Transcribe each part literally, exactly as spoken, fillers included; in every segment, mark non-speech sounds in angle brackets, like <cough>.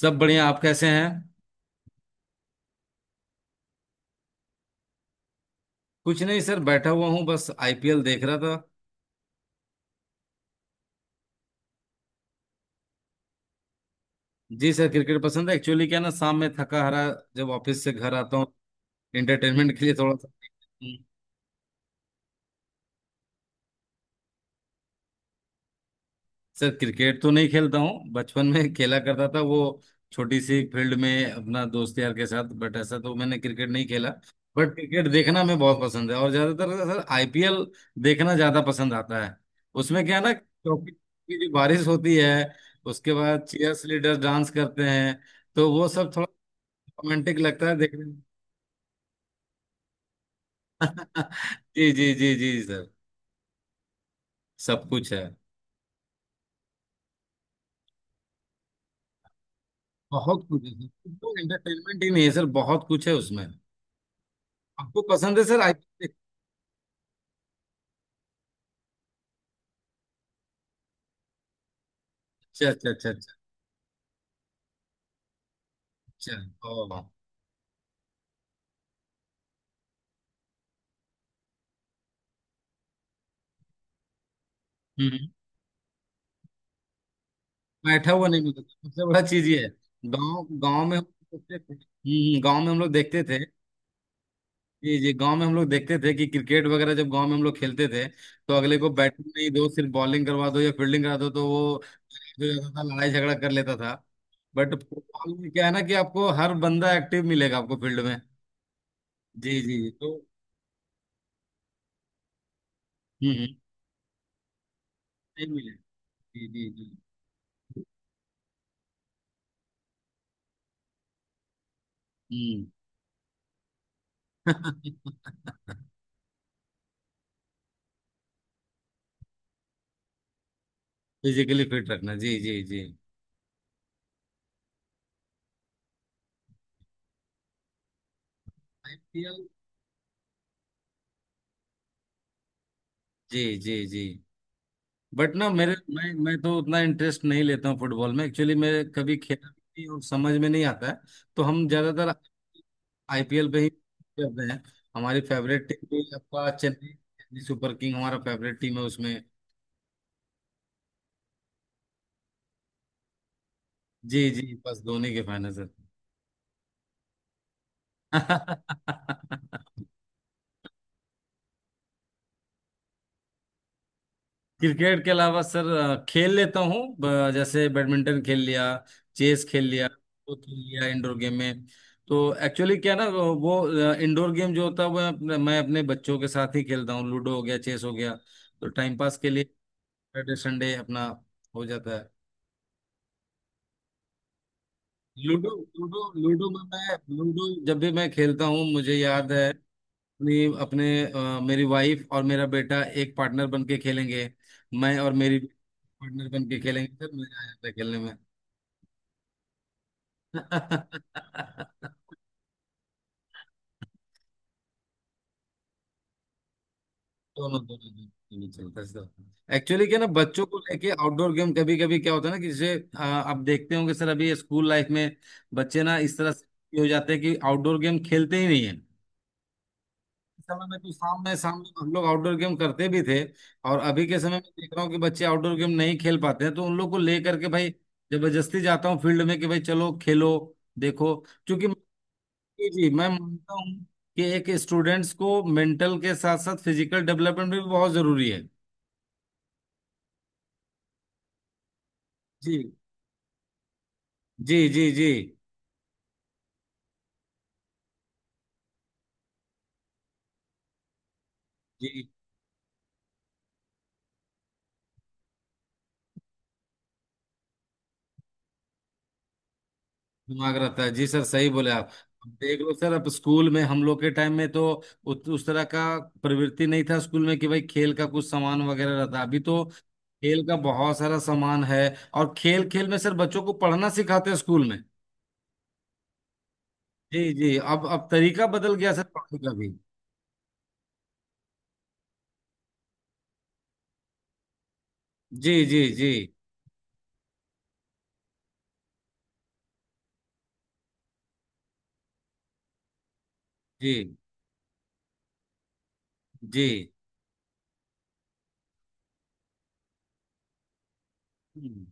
सब बढ़िया। आप कैसे हैं। कुछ नहीं सर, बैठा हुआ हूँ बस आईपीएल देख रहा था। जी सर, क्रिकेट पसंद है। एक्चुअली क्या है ना, शाम में थका हारा जब ऑफिस से घर आता हूँ, एंटरटेनमेंट के लिए थोड़ा सा। सर क्रिकेट तो नहीं खेलता हूँ, बचपन में खेला करता था वो छोटी सी फील्ड में अपना दोस्त यार के साथ। बट ऐसा तो मैंने क्रिकेट नहीं खेला। बट क्रिकेट देखना मैं बहुत पसंद है और ज्यादातर सर आईपीएल देखना ज्यादा पसंद आता है। उसमें क्या है ना, ट्रॉफी की जो बारिश होती है उसके बाद चीयर्स लीडर्स डांस करते हैं, तो वो सब थोड़ा रोमांटिक लगता है देखने में। <laughs> जी जी जी जी सर। सब कुछ है। बहुत कुछ है सर, तो एंटरटेनमेंट ही नहीं है सर, बहुत कुछ है उसमें। आपको पसंद है सर? आई। अच्छा अच्छा अच्छा अच्छा। अच्छा ओ। हम्म। बैठा हुआ नहीं मिलता, सबसे बड़ा चीज ये है। गांव गांव में हम लोग देखते थे, हम्म, गांव में हम लोग देखते थे। जी जी, गांव में हम लोग देखते थे कि क्रिकेट वगैरह जब गांव में हम लोग खेलते थे तो अगले को बैटिंग नहीं दो, सिर्फ बॉलिंग करवा दो या फील्डिंग करा दो, तो वो जो जाता था लड़ाई झगड़ा कर लेता था। बट फुटबॉल में क्या है ना कि आपको हर बंदा एक्टिव मिलेगा आपको फील्ड में। जी जी जी। तो हम्म हम्म, नहीं मिलेगा। जी जी जी। हम्म। <laughs> फिजिकली फिट रखना, जी जी जी। आईपीएल। जी जी जी, बट ना मेरे मैं मैं तो उतना इंटरेस्ट नहीं लेता हूँ फुटबॉल में, एक्चुअली मैं कभी खेला भी नहीं और समझ में नहीं आता है, तो हम ज्यादातर आईपीएल पे ही करते हैं। हमारी फेवरेट टीम भी आपका चेन्नई चेन्नई सुपर किंग हमारा फेवरेट टीम है उसमें। जी जी, बस धोनी के फैन है सर। <laughs> क्रिकेट के अलावा सर अ, खेल लेता हूँ। ब- जैसे बैडमिंटन खेल लिया, चेस खेल लिया, वो खेल लिया इंडोर गेम में। तो एक्चुअली क्या ना वो वो, अ, इंडोर गेम जो होता है वो अपने, मैं अपने बच्चों के साथ ही खेलता हूँ। लूडो हो गया, चेस हो गया, तो टाइम पास के लिए सैटरडे संडे अपना हो जाता है। लूडो। लूडो, लूडो में मैं लूडो जब भी मैं खेलता हूँ मुझे याद है। अपनी अपने अ, मेरी वाइफ और मेरा बेटा एक पार्टनर बन के खेलेंगे। मैं और मेरी पार्टनर बन के खेलेंगे सर, मजा आ जाता है खेलने में। <laughs> दोनों दोनों दोनों। दोनों चलता है। एक्चुअली क्या ना, बच्चों को लेके आउटडोर गेम, कभी कभी क्या होता है ना कि जैसे अ, आप देखते होंगे सर, अभी स्कूल लाइफ में बच्चे ना इस तरह से हो जाते हैं कि आउटडोर गेम खेलते ही नहीं है। के समय में तो शाम में शाम में हम लोग आउटडोर गेम करते भी थे और अभी के समय में देख रहा हूँ कि बच्चे आउटडोर गेम नहीं खेल पाते हैं, तो उन लोग को ले करके भाई जबरदस्ती जाता हूँ फील्ड में कि भाई चलो खेलो, देखो। क्योंकि जी मैं मानता हूँ कि एक स्टूडेंट्स को मेंटल के साथ साथ फिजिकल डेवलपमेंट भी बहुत जरूरी है। जी जी जी जी जी। दिमाग रहता है जी सर, सही बोले आप। अब देख लो सर, अब स्कूल में हम लोग के टाइम में तो उत, उस तरह का प्रवृत्ति नहीं था स्कूल में कि भाई खेल का कुछ सामान वगैरह रहता। अभी तो खेल का बहुत सारा सामान है और खेल खेल में सर बच्चों को पढ़ना सिखाते हैं स्कूल में। जी जी, अब अब तरीका बदल गया सर पढ़ने का भी। जी जी जी जी जी। हम्म,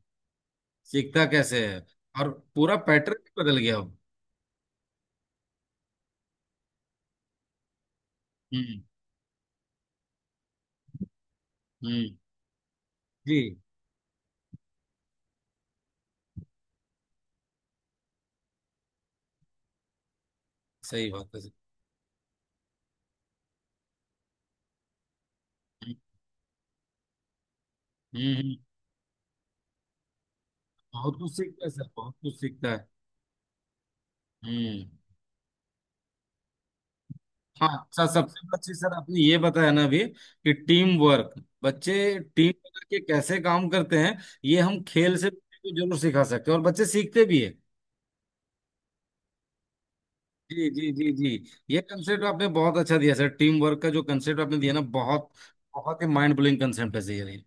सीखता कैसे है, और पूरा पैटर्न बदल गया अब। हम्म हम्म। जी, सही बात है सर। हम्म हम्म हम्म। बहुत कुछ सीखता है सर, बहुत कुछ सीखता है। हम्म। हाँ सर, सबसे अच्छी सर आपने ये बताया ना अभी कि टीम वर्क, बच्चे टीम बना के कैसे काम करते हैं ये हम खेल से बच्चे को जरूर सिखा सकते हैं और बच्चे सीखते भी है। जी जी जी जी, ये कंसेप्ट आपने बहुत अच्छा दिया सर, टीम वर्क का जो कंसेप्ट आपने दिया ना, बहुत बहुत ही माइंड ब्लोइंग कंसेप्ट है सर ये।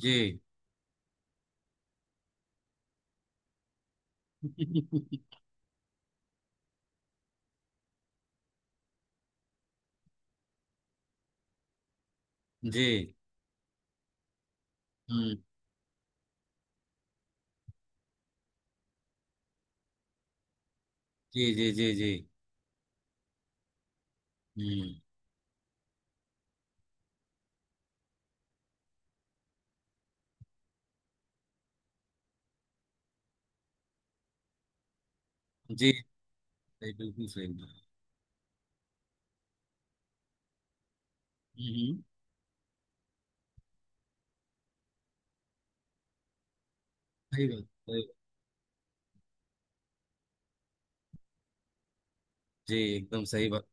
जी। <laughs> जी। हम्म। जी जी जी जी। हम्म। जी, सही बिल्कुल सही बात। हम्म। सही बात, सही बात। जी एकदम सही बात।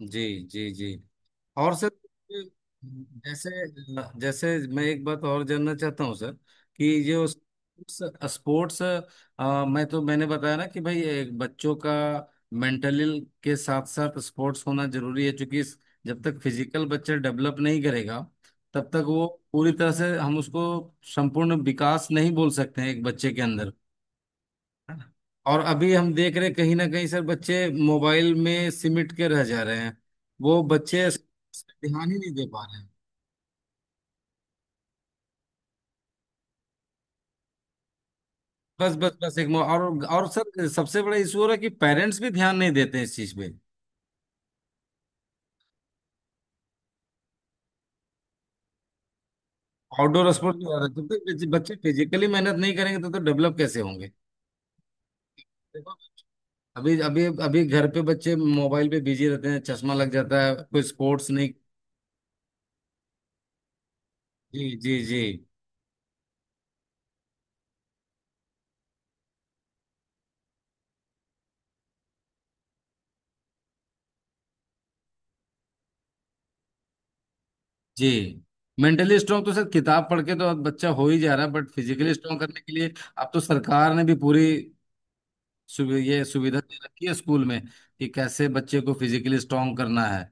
जी जी जी। और सर जैसे, जैसे मैं एक बात और जानना चाहता हूँ सर, कि जो स्पोर्ट्स, मैं तो मैंने बताया ना कि भाई एक बच्चों का मेंटली के साथ साथ स्पोर्ट्स होना जरूरी है। क्योंकि इस- जब तक फिजिकल बच्चा डेवलप नहीं करेगा तब तक वो पूरी तरह से हम उसको संपूर्ण विकास नहीं बोल सकते हैं एक बच्चे के अंदर। और अभी हम देख रहे कहीं ना कहीं सर बच्चे मोबाइल में सिमट के रह जा रहे हैं, वो बच्चे ध्यान ही नहीं दे पा रहे हैं। बस बस बस, एक मो- और और सर सबसे बड़ा इशू हो रहा है कि पेरेंट्स भी ध्यान नहीं देते हैं इस चीज पे। आउटडोर स्पोर्ट्स, जब तक बच्चे बच्चे फिजिकली मेहनत नहीं करेंगे तो तो डेवलप कैसे होंगे। देखो, अभी अभी अभी घर पे बच्चे मोबाइल पे बिजी रहते हैं, चश्मा लग जाता है, कोई स्पोर्ट्स नहीं। जी जी जी जी। मेंटली स्ट्रांग तो सर किताब पढ़ के तो अब बच्चा हो ही जा रहा है, बट फिजिकली स्ट्रांग करने के लिए अब तो सरकार ने भी पूरी सुवि, ये सुविधा दे रखी है स्कूल में कि कैसे बच्चे को फिजिकली स्ट्रांग करना है।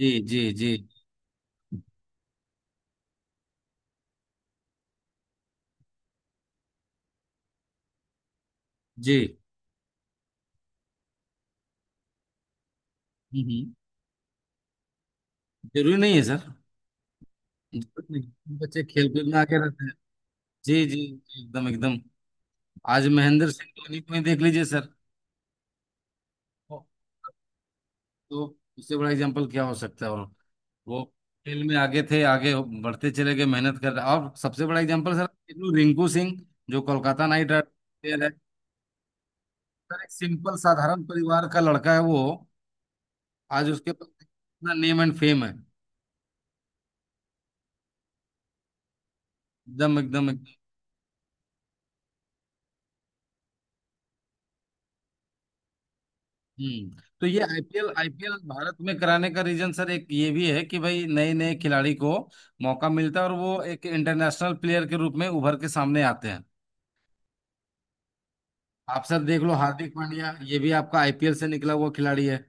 जी जी जी जी। हम्म, जरूरी नहीं है सर। जरूरत नहीं है। बच्चे खेल कूद में आके रहते हैं। जी जी जी, एकदम एकदम। आज महेंद्र सिंह धोनी को ही देख लीजिए सर, तो उससे बड़ा एग्जाम्पल क्या हो सकता है। और वो खेल में आगे थे, आगे बढ़ते चले गए, मेहनत कर रहे। और सबसे बड़ा एग्जाम्पल सर, देखो, रिंकू सिंह जो कोलकाता नाइट राइडर है। सर एक सिंपल साधारण परिवार का लड़का है वो, आज उसके पास इतना नेम एंड फेम है। एकदम एकदम एकदम। हम्म, तो ये आईपीएल, आईपीएल भारत में कराने का रीजन सर एक ये भी है कि भाई नए नए खिलाड़ी को मौका मिलता है और वो एक इंटरनेशनल प्लेयर के रूप में उभर के सामने आते हैं। आप सर देख लो, हार्दिक पांड्या ये भी आपका आईपीएल से निकला हुआ खिलाड़ी है।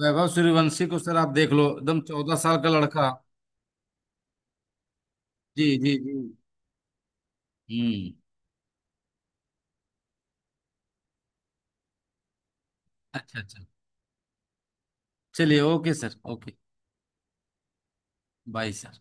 वैभव सूर्यवंशी को सर आप देख लो, एकदम चौदह साल का लड़का। जी जी जी। हम्म। अच्छा अच्छा। चलिए, okay sir okay. Bye sir.